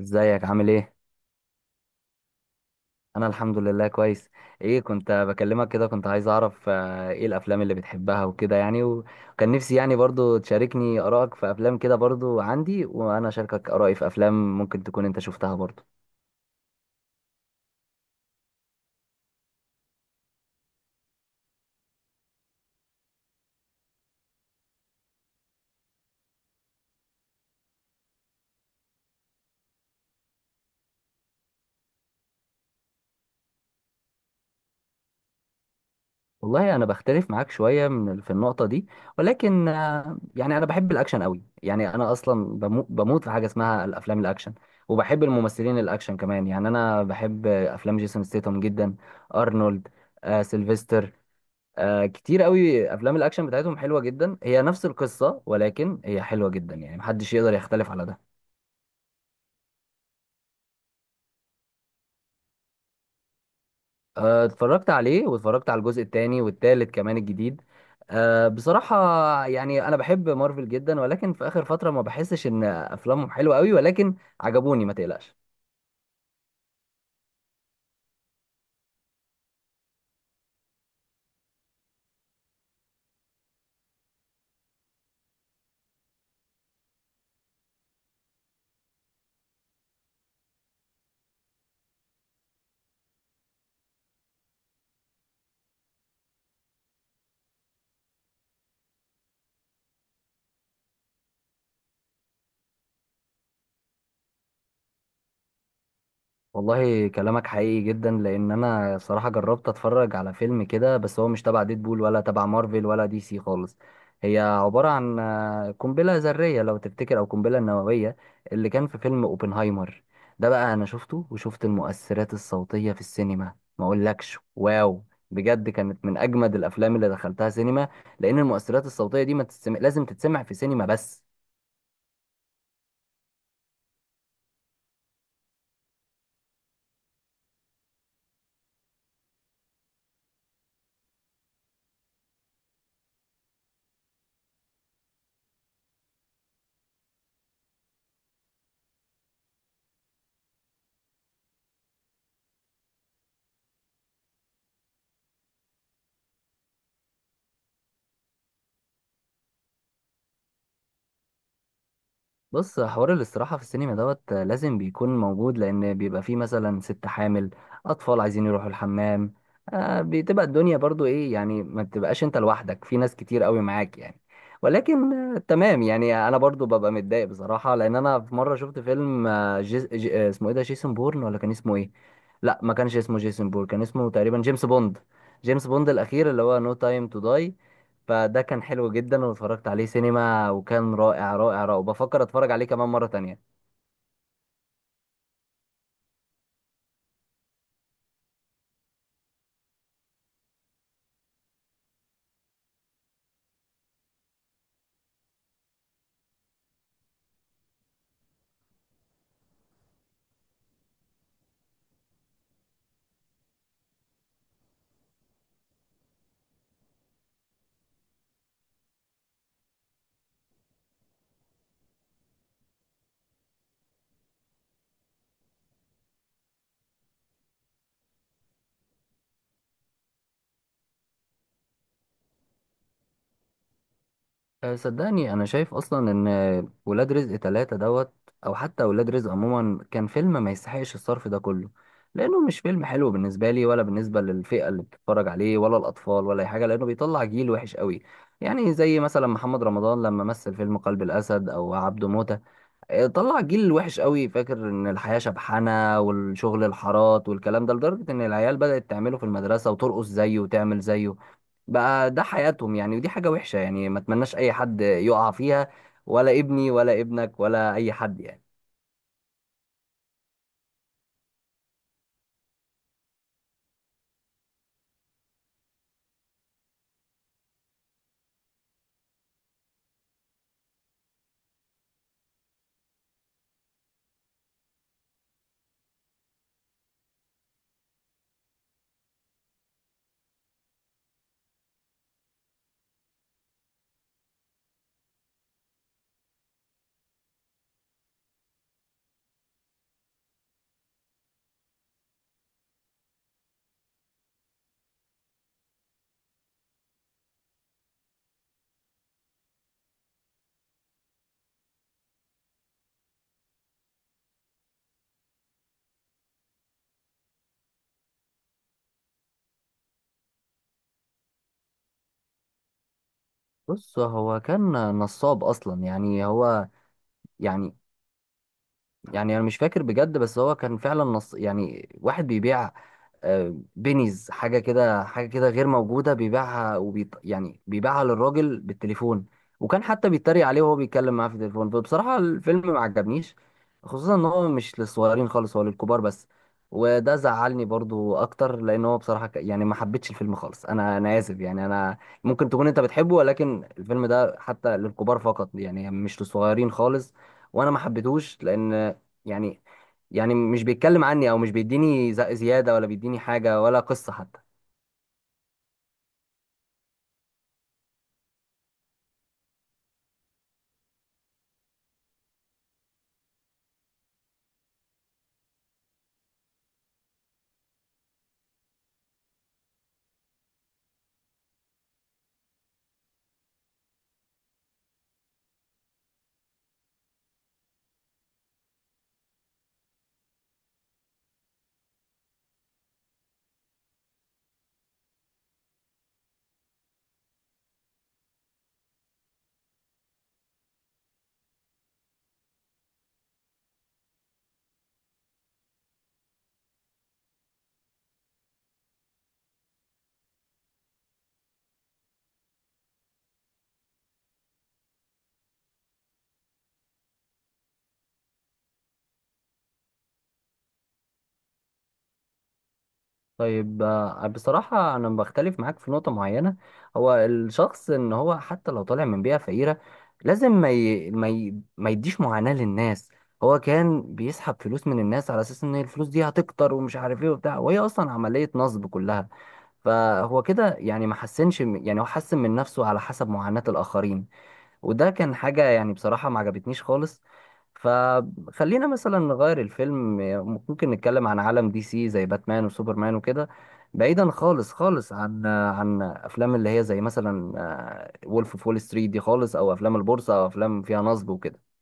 ازيك عامل ايه؟ انا الحمد لله كويس. ايه كنت بكلمك كده، كنت عايز اعرف ايه الافلام اللي بتحبها وكده، يعني وكان نفسي يعني برضو تشاركني ارائك في افلام كده، برضو عندي وانا اشاركك ارائي في افلام ممكن تكون انت شفتها برضو. والله انا بختلف معاك شوية في النقطة دي. ولكن يعني انا بحب الاكشن قوي، يعني انا اصلا بموت في حاجة اسمها الافلام الاكشن. وبحب الممثلين الاكشن كمان، يعني انا بحب افلام جيسون ستيتم جدا. ارنولد، سيلفستر. كتير قوي افلام الاكشن بتاعتهم حلوه جدا، هي نفس القصه ولكن هي حلوه جدا، يعني محدش يقدر يختلف على ده. آه، اتفرجت عليه واتفرجت على الجزء الثاني والثالث كمان الجديد. آه بصراحه، يعني انا بحب مارفل جدا ولكن في اخر فتره ما بحسش ان افلامهم حلوه قوي، ولكن عجبوني ما تقلقش. والله كلامك حقيقي جدا لان انا صراحه جربت اتفرج على فيلم كده، بس هو مش تبع ديدبول ولا تبع مارفل ولا دي سي خالص. هي عباره عن قنبله ذريه لو تفتكر او قنبله نوويه اللي كان في فيلم اوبنهايمر. ده بقى انا شفته وشفت المؤثرات الصوتيه في السينما، ما اقولكش واو، بجد كانت من اجمد الافلام اللي دخلتها سينما. لان المؤثرات الصوتيه دي ما تتسمع، لازم تتسمع في سينما بس. بص، حوار الاستراحة في السينما دوت لازم بيكون موجود، لأن بيبقى فيه مثلا ست حامل، أطفال عايزين يروحوا الحمام. آه، بتبقى الدنيا برضو إيه يعني، ما بتبقاش أنت لوحدك، في ناس كتير قوي معاك يعني. ولكن تمام، يعني أنا برضو ببقى متضايق بصراحة، لأن أنا في مرة شفت فيلم آه جيس جي آه، اسمه إيه ده، جيسون بورن ولا كان اسمه إيه؟ لا، ما كانش اسمه جيسون بورن، كان اسمه تقريبا جيمس بوند. جيمس بوند الأخير اللي هو نو تايم تو داي. فده كان حلو جدا، واتفرجت عليه سينما وكان رائع رائع رائع، وبفكر اتفرج عليه كمان مرة تانية. صدقني انا شايف اصلا ان ولاد رزق ثلاثة دوت او حتى ولاد رزق عموما كان فيلم ما يستحقش الصرف ده كله، لانه مش فيلم حلو بالنسبة لي ولا بالنسبة للفئة اللي بتتفرج عليه، ولا الاطفال ولا اي حاجة، لانه بيطلع جيل وحش قوي. يعني زي مثلا محمد رمضان لما مثل فيلم قلب الاسد او عبده موتة، طلع جيل وحش قوي فاكر ان الحياة شبحانة والشغل الحارات والكلام ده، لدرجة ان العيال بدأت تعمله في المدرسة وترقص زيه وتعمل زيه. بقى ده حياتهم يعني، ودي حاجة وحشة يعني، ما اتمناش اي حد يقع فيها، ولا ابني ولا ابنك ولا اي حد يعني. بص هو كان نصاب اصلا يعني، هو يعني، يعني انا مش فاكر بجد، بس هو كان فعلا نص يعني، واحد بيبيع بينيز حاجه كده حاجه كده غير موجوده، بيبيعها يعني بيبيعها للراجل بالتليفون. وكان حتى بيتريق عليه وهو بيتكلم معاه في التليفون، فبصراحه الفيلم ما عجبنيش، خصوصا ان هو مش للصغيرين خالص، هو للكبار بس. وده زعلني برضو اكتر، لان هو بصراحه يعني ما حبيتش الفيلم خالص، انا اسف يعني، انا ممكن تكون انت بتحبه، ولكن الفيلم ده حتى للكبار فقط يعني، مش للصغيرين خالص. وانا ما حبيتهوش لان يعني، يعني مش بيتكلم عني او مش بيديني زيادة ولا بيديني حاجة ولا قصة حتى. طيب، بصراحة انا بختلف معاك في نقطة معينة. هو الشخص ان هو حتى لو طالع من بيئة فقيرة، لازم ما يديش معاناة للناس. هو كان بيسحب فلوس من الناس على اساس ان الفلوس دي هتكتر ومش عارف ايه وبتاع، وهي اصلا عملية نصب كلها. فهو كده يعني ما حسنش يعني هو حسن من نفسه على حسب معاناة الاخرين. وده كان حاجة يعني بصراحة ما عجبتنيش خالص. فخلينا مثلا نغير الفيلم، ممكن نتكلم عن عالم دي سي زي باتمان وسوبرمان وكده، بعيدا خالص خالص عن افلام اللي هي زي مثلا وولف اوف وول ستريت دي خالص، او افلام البورصة او افلام فيها نصب وكده.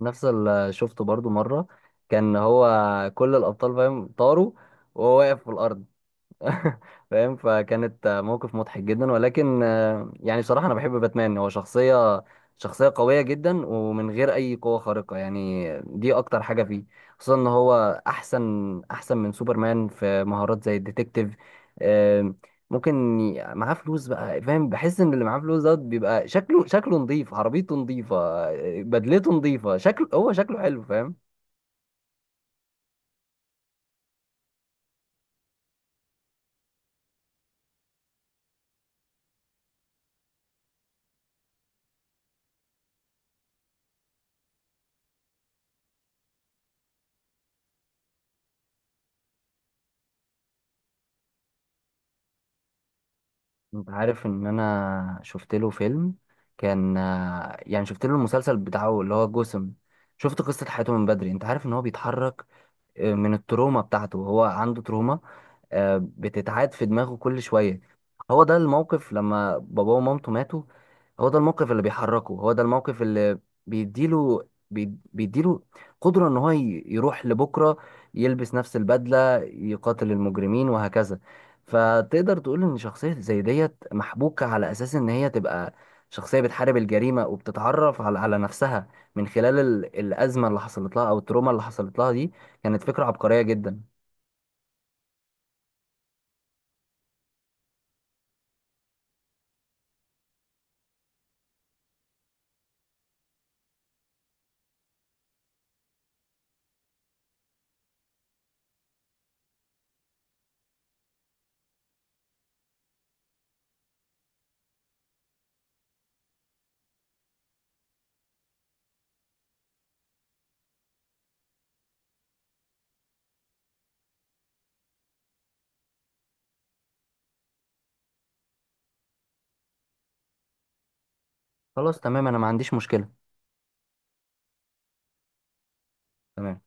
نفس اللي شفته برضو مرة، كان هو كل الابطال فاهم طاروا وهو واقف في الارض. فاهم، فكانت موقف مضحك جدا، ولكن يعني بصراحة أنا بحب باتمان، هو شخصية قوية جدا ومن غير أي قوة خارقة، يعني دي أكتر حاجة فيه. خصوصا إن هو أحسن أحسن من سوبرمان في مهارات زي الديتكتيف. آه، ممكن معاه فلوس بقى فاهم، بحس إن اللي معاه فلوس دوت بيبقى شكله شكله نظيف، عربيته نظيفة، بدلته نظيفة، شكله هو شكله حلو فاهم. انت عارف ان انا شفت له فيلم، كان يعني شفت له المسلسل بتاعه اللي هو جسم. شفت قصة حياته من بدري، انت عارف ان هو بيتحرك من التروما بتاعته، هو عنده تروما بتتعاد في دماغه كل شوية. هو ده الموقف لما باباه ومامته ماتوا، هو ده الموقف اللي بيحركه، هو ده الموقف اللي بيديله قدرة ان هو يروح لبكرة، يلبس نفس البدلة يقاتل المجرمين وهكذا. فتقدر تقول ان شخصية زي ديت محبوكة على اساس ان هي تبقى شخصية بتحارب الجريمة وبتتعرف على نفسها، من خلال الأزمة اللي حصلت لها أو التروما اللي حصلت لها دي، كانت فكرة عبقرية جدا. خلاص تمام، أنا ما عنديش مشكلة. تمام.